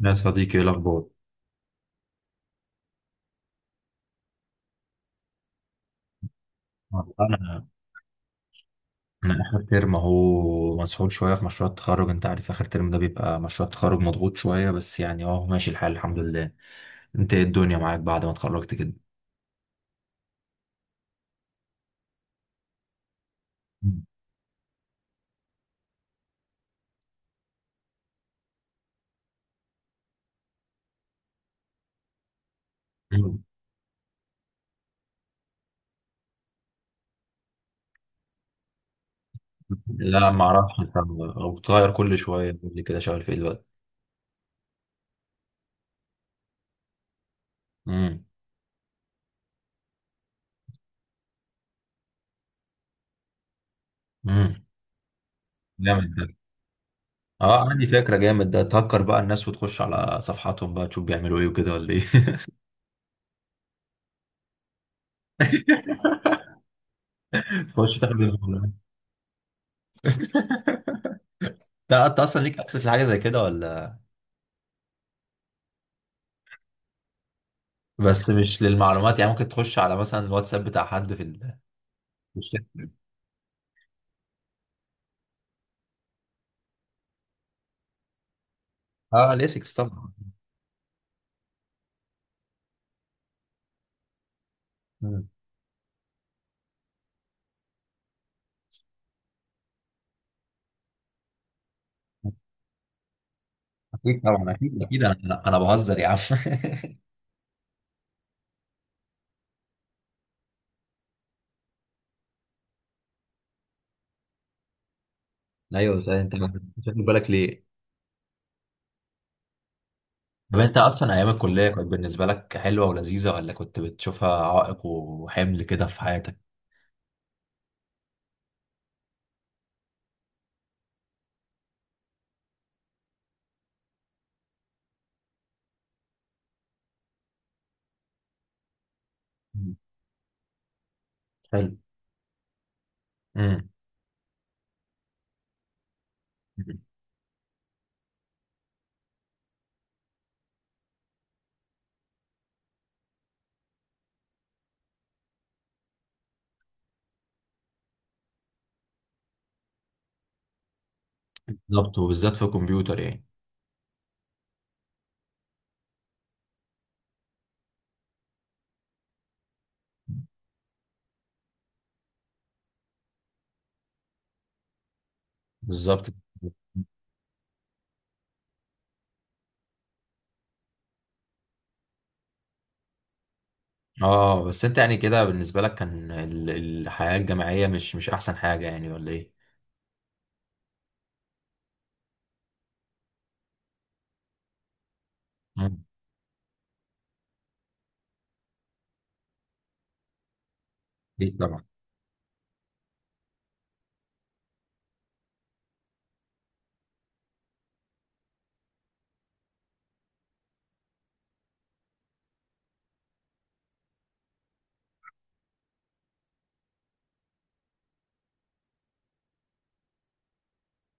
يا صديقي ايه الاخبار؟ والله انا، انا اخر ترم اهو، مسحول شويه في مشروع التخرج. انت عارف اخر ترم ده بيبقى مشروع التخرج مضغوط شويه، بس يعني اهو ماشي الحال الحمد لله. انت ايه الدنيا معاك بعد ما اتخرجت كده؟ مم. مم. لا ما اعرفش، انت بتغير كل شويه، تقول لي كده شغال في ايه دلوقتي؟ امم امم جامد ده. اه عندي فكره، جامد ده، تهكر بقى الناس وتخش على صفحاتهم بقى تشوف بيعملوا ايه وكده ولا ايه؟ تخش تاخد المعلومات. انت، أنت اصلا ليك اكسس لحاجه زي كده ولا؟ بس مش للمعلومات يعني، ممكن تخش على مثلا الواتساب بتاع حد في في الشركة. اه ليسكس طبعا. مم. اكيد طبعا، اكيد اكيد، انا بهزر يا عم. ايوه بس انت مش واخد بالك ليه؟ طب انت اصلا ايام الكليه كانت بالنسبه لك حلوه ولذيذه، ولا كنت بتشوفها عائق وحمل كده في حياتك؟ مم. حلو. امم بالظبط، وبالذات في الكمبيوتر يعني. بالظبط. اه بس انت يعني كده بالنسبه لك كان الحياه الجامعيه مش احسن حاجه يعني، ولا ايه؟ مم. اكيد طبعا.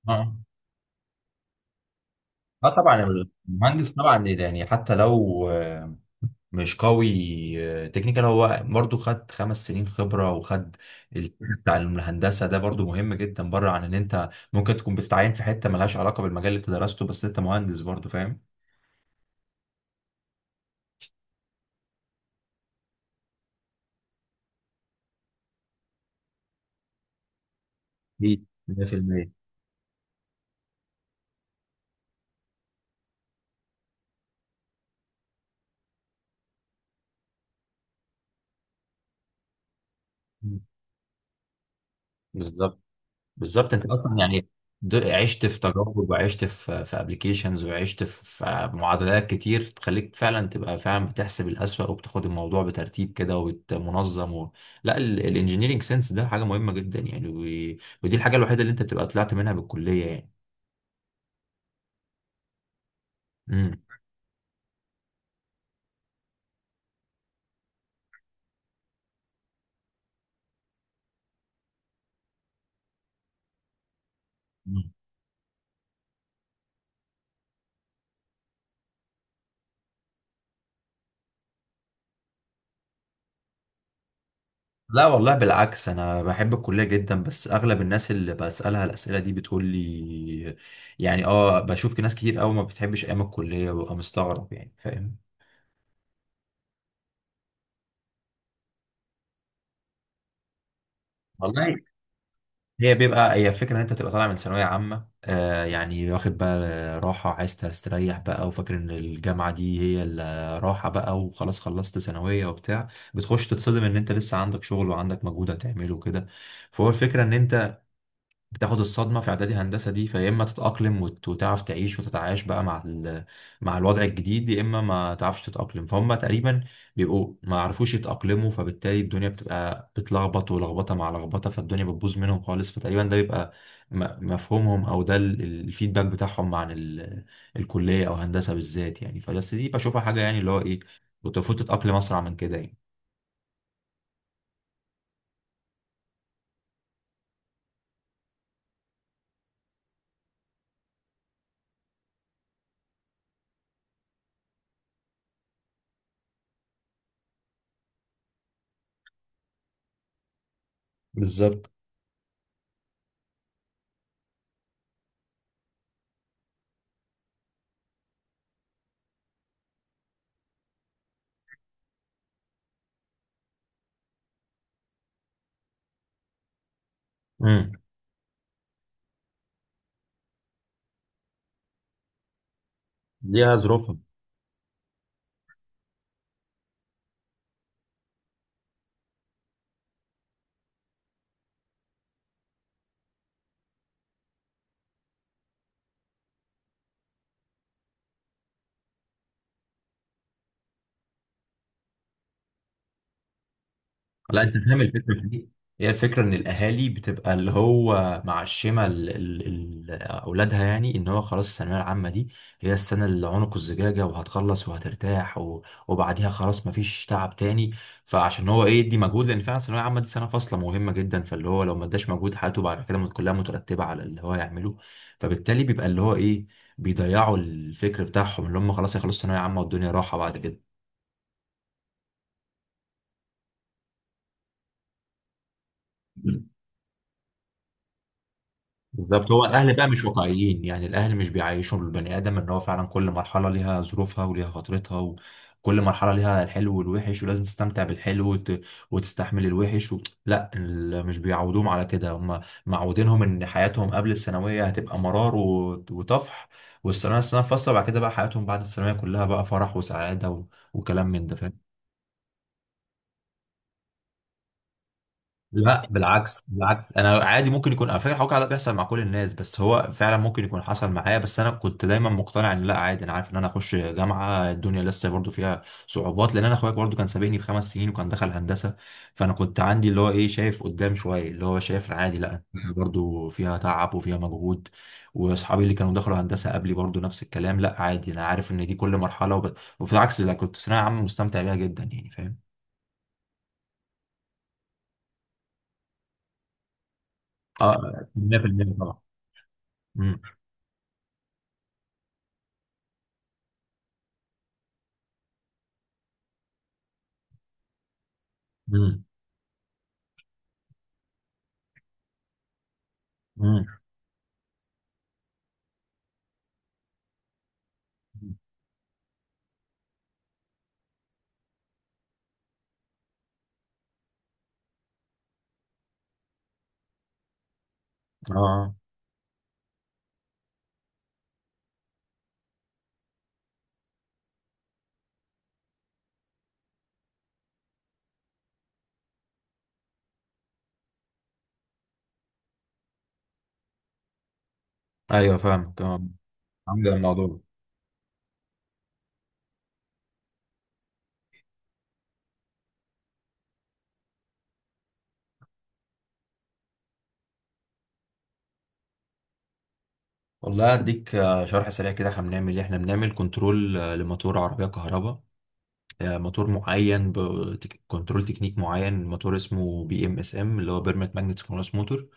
اه اه طبعا المهندس طبعا يعني، حتى لو مش قوي تكنيكال، هو برضو خد خمس سنين خبرة، وخد بتاع الهندسة ده، برضو مهم جدا، بره عن ان انت ممكن تكون بتتعين في حتة ملهاش علاقة بالمجال اللي انت درسته، بس انت مهندس برضو، فاهم؟ أكيد 100%. بالظبط. بالظبط، انت اصلا يعني، عشت في تجارب، وعشت في، في ابلكيشنز، وعشت في، في معادلات كتير تخليك فعلا تبقى فعلا بتحسب الأسوأ، وبتاخد الموضوع بترتيب كده ومنظم لا الانجينيرنج سنس ده حاجة مهمة جدا يعني، ودي الحاجة الوحيدة اللي انت بتبقى طلعت منها بالكلية يعني. امم مم. لا والله بالعكس، انا بحب الكليه جدا، بس اغلب الناس اللي بسالها الاسئله دي بتقول لي، يعني اه، بشوف ناس كتير قوي ما بتحبش ايام الكليه، وببقى مستغرب يعني، فاهم؟ والله، هي الفكرة ان انت تبقى طالع من ثانوية عامة، آه يعني، واخد بقى راحة، عايز تستريح بقى، وفاكر ان الجامعة دي هي الراحة بقى، وخلاص خلصت ثانوية وبتاع، بتخش تتصدم ان انت لسه عندك شغل وعندك مجهود هتعمله وكده. فهو الفكرة ان انت بتاخد الصدمة في إعدادي هندسة دي، فيا إما تتأقلم وتعرف تعيش وتتعايش بقى مع مع الوضع الجديد، يا إما ما تعرفش تتأقلم. فهم تقريبا بيبقوا ما عرفوش يتأقلموا، فبالتالي الدنيا بتبقى بتلخبط، ولخبطة مع لخبطة فالدنيا بتبوظ منهم خالص. فتقريبا ده بيبقى مفهومهم، أو ده الفيدباك بتاعهم عن الكلية أو هندسة بالذات يعني. فبس دي بشوفها حاجة يعني، اللي هو إيه، كنت المفروض تتأقلم أسرع من كده يعني. بالظبط. امم ليها ظروفها. لا انت فاهم الفكره في دي، هي الفكره ان الاهالي بتبقى اللي هو معشمه اولادها يعني، ان هو خلاص الثانويه العامه دي هي السنه اللي عنق الزجاجه، وهتخلص وهترتاح وبعديها خلاص مفيش تعب تاني. فعشان هو ايه يدي مجهود، لان فعلا الثانويه العامه دي سنه فاصله مهمه جدا، فاللي هو لو ما اداش مجهود حياته بعد كده كلها مترتبه على اللي هو يعمله. فبالتالي بيبقى اللي هو ايه، بيضيعوا الفكر بتاعهم، اللي هم خلاص هيخلصوا ثانويه عامه والدنيا راحه بعد كده. بالظبط، هو الاهل بقى مش واقعيين يعني، الاهل مش بيعيشوا البني ادم ان هو فعلا كل مرحله ليها ظروفها وليها فترتها، وكل مرحله ليها الحلو والوحش، ولازم تستمتع بالحلو وتستحمل الوحش لا مش بيعودوهم على كده، هم معودينهم ان حياتهم قبل الثانويه هتبقى مرار وطفح، والثانويه، الثانويه فاصله، بعد كده بقى حياتهم بعد الثانويه كلها بقى فرح وسعاده وكلام من ده، فاهم؟ لا بالعكس بالعكس، انا عادي، ممكن يكون على فكره الحكي ده بيحصل مع كل الناس، بس هو فعلا ممكن يكون حصل معايا، بس انا كنت دايما مقتنع ان لا عادي، انا عارف ان انا اخش جامعه الدنيا لسه برضو فيها صعوبات، لان انا اخويا برضو كان سابقني بخمس سنين وكان دخل هندسه. فانا كنت عندي اللي هو ايه، شايف قدام شويه، اللي هو شايف عادي لا هندسة برضو فيها تعب وفيها مجهود. واصحابي اللي كانوا دخلوا هندسه قبلي برضو نفس الكلام، لا عادي، انا عارف ان دي كل مرحله وفي العكس لا، كنت في ثانويه عامه مستمتع بيها جدا يعني، فاهم؟ اه 100% طبعا. امم امم. مم. اه ايوه فاهمك اه. عامل الموضوع. والله اديك شرح سريع كده، احنا بنعمل ايه. احنا بنعمل كنترول لموتور عربيه كهرباء، موتور معين بكنترول تكنيك معين، موتور اسمه بي ام اس ام اللي هو بيرمت ماجنت سينكرونس موتور،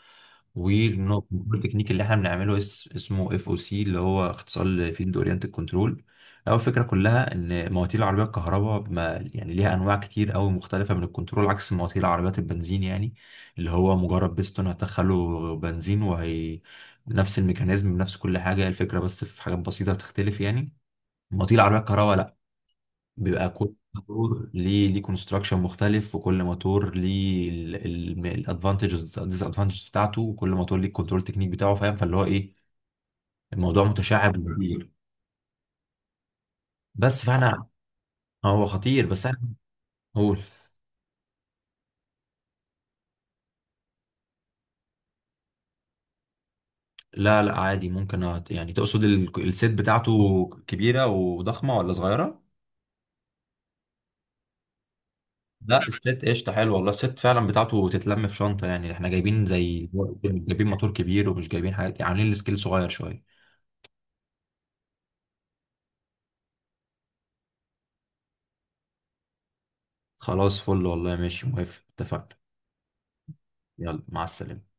والكنترول تكنيك اللي احنا بنعمله اسمه اف او سي اللي هو اختصار لفيلد اورينتد كنترول. اول فكره كلها ان مواتير العربيه الكهرباء ما يعني ليها انواع كتير قوي مختلفه من الكنترول، عكس مواتير العربيات البنزين يعني، اللي هو مجرد بيستون هتدخله بنزين، وهي نفس الميكانيزم بنفس كل حاجه الفكره، بس في حاجات بسيطه بتختلف يعني. مواتير العربيه الكهرباء بيبقى كل موتور ليه كونستراكشن مختلف، وكل موتور ليه الادفانتجز ديس ادفانتجز بتاعته، وكل موتور ليه الكنترول تكنيك بتاعه، فاهم؟ فاللي هو ايه، الموضوع متشعب كتير. بس فاحنا، هو خطير بس احنا هقول. لا لا عادي، ممكن يعني تقصد السيت بتاعته كبيرة وضخمة ولا صغيرة؟ لا السيت قشطة، حلو والله، السيت فعلا بتاعته تتلم في شنطة يعني. احنا جايبين زي، مش جايبين موتور كبير، ومش جايبين حاجات، عاملين السكيل صغير شوية. خلاص فل والله، ماشي موافق، اتفقنا. يلا مع السلامة.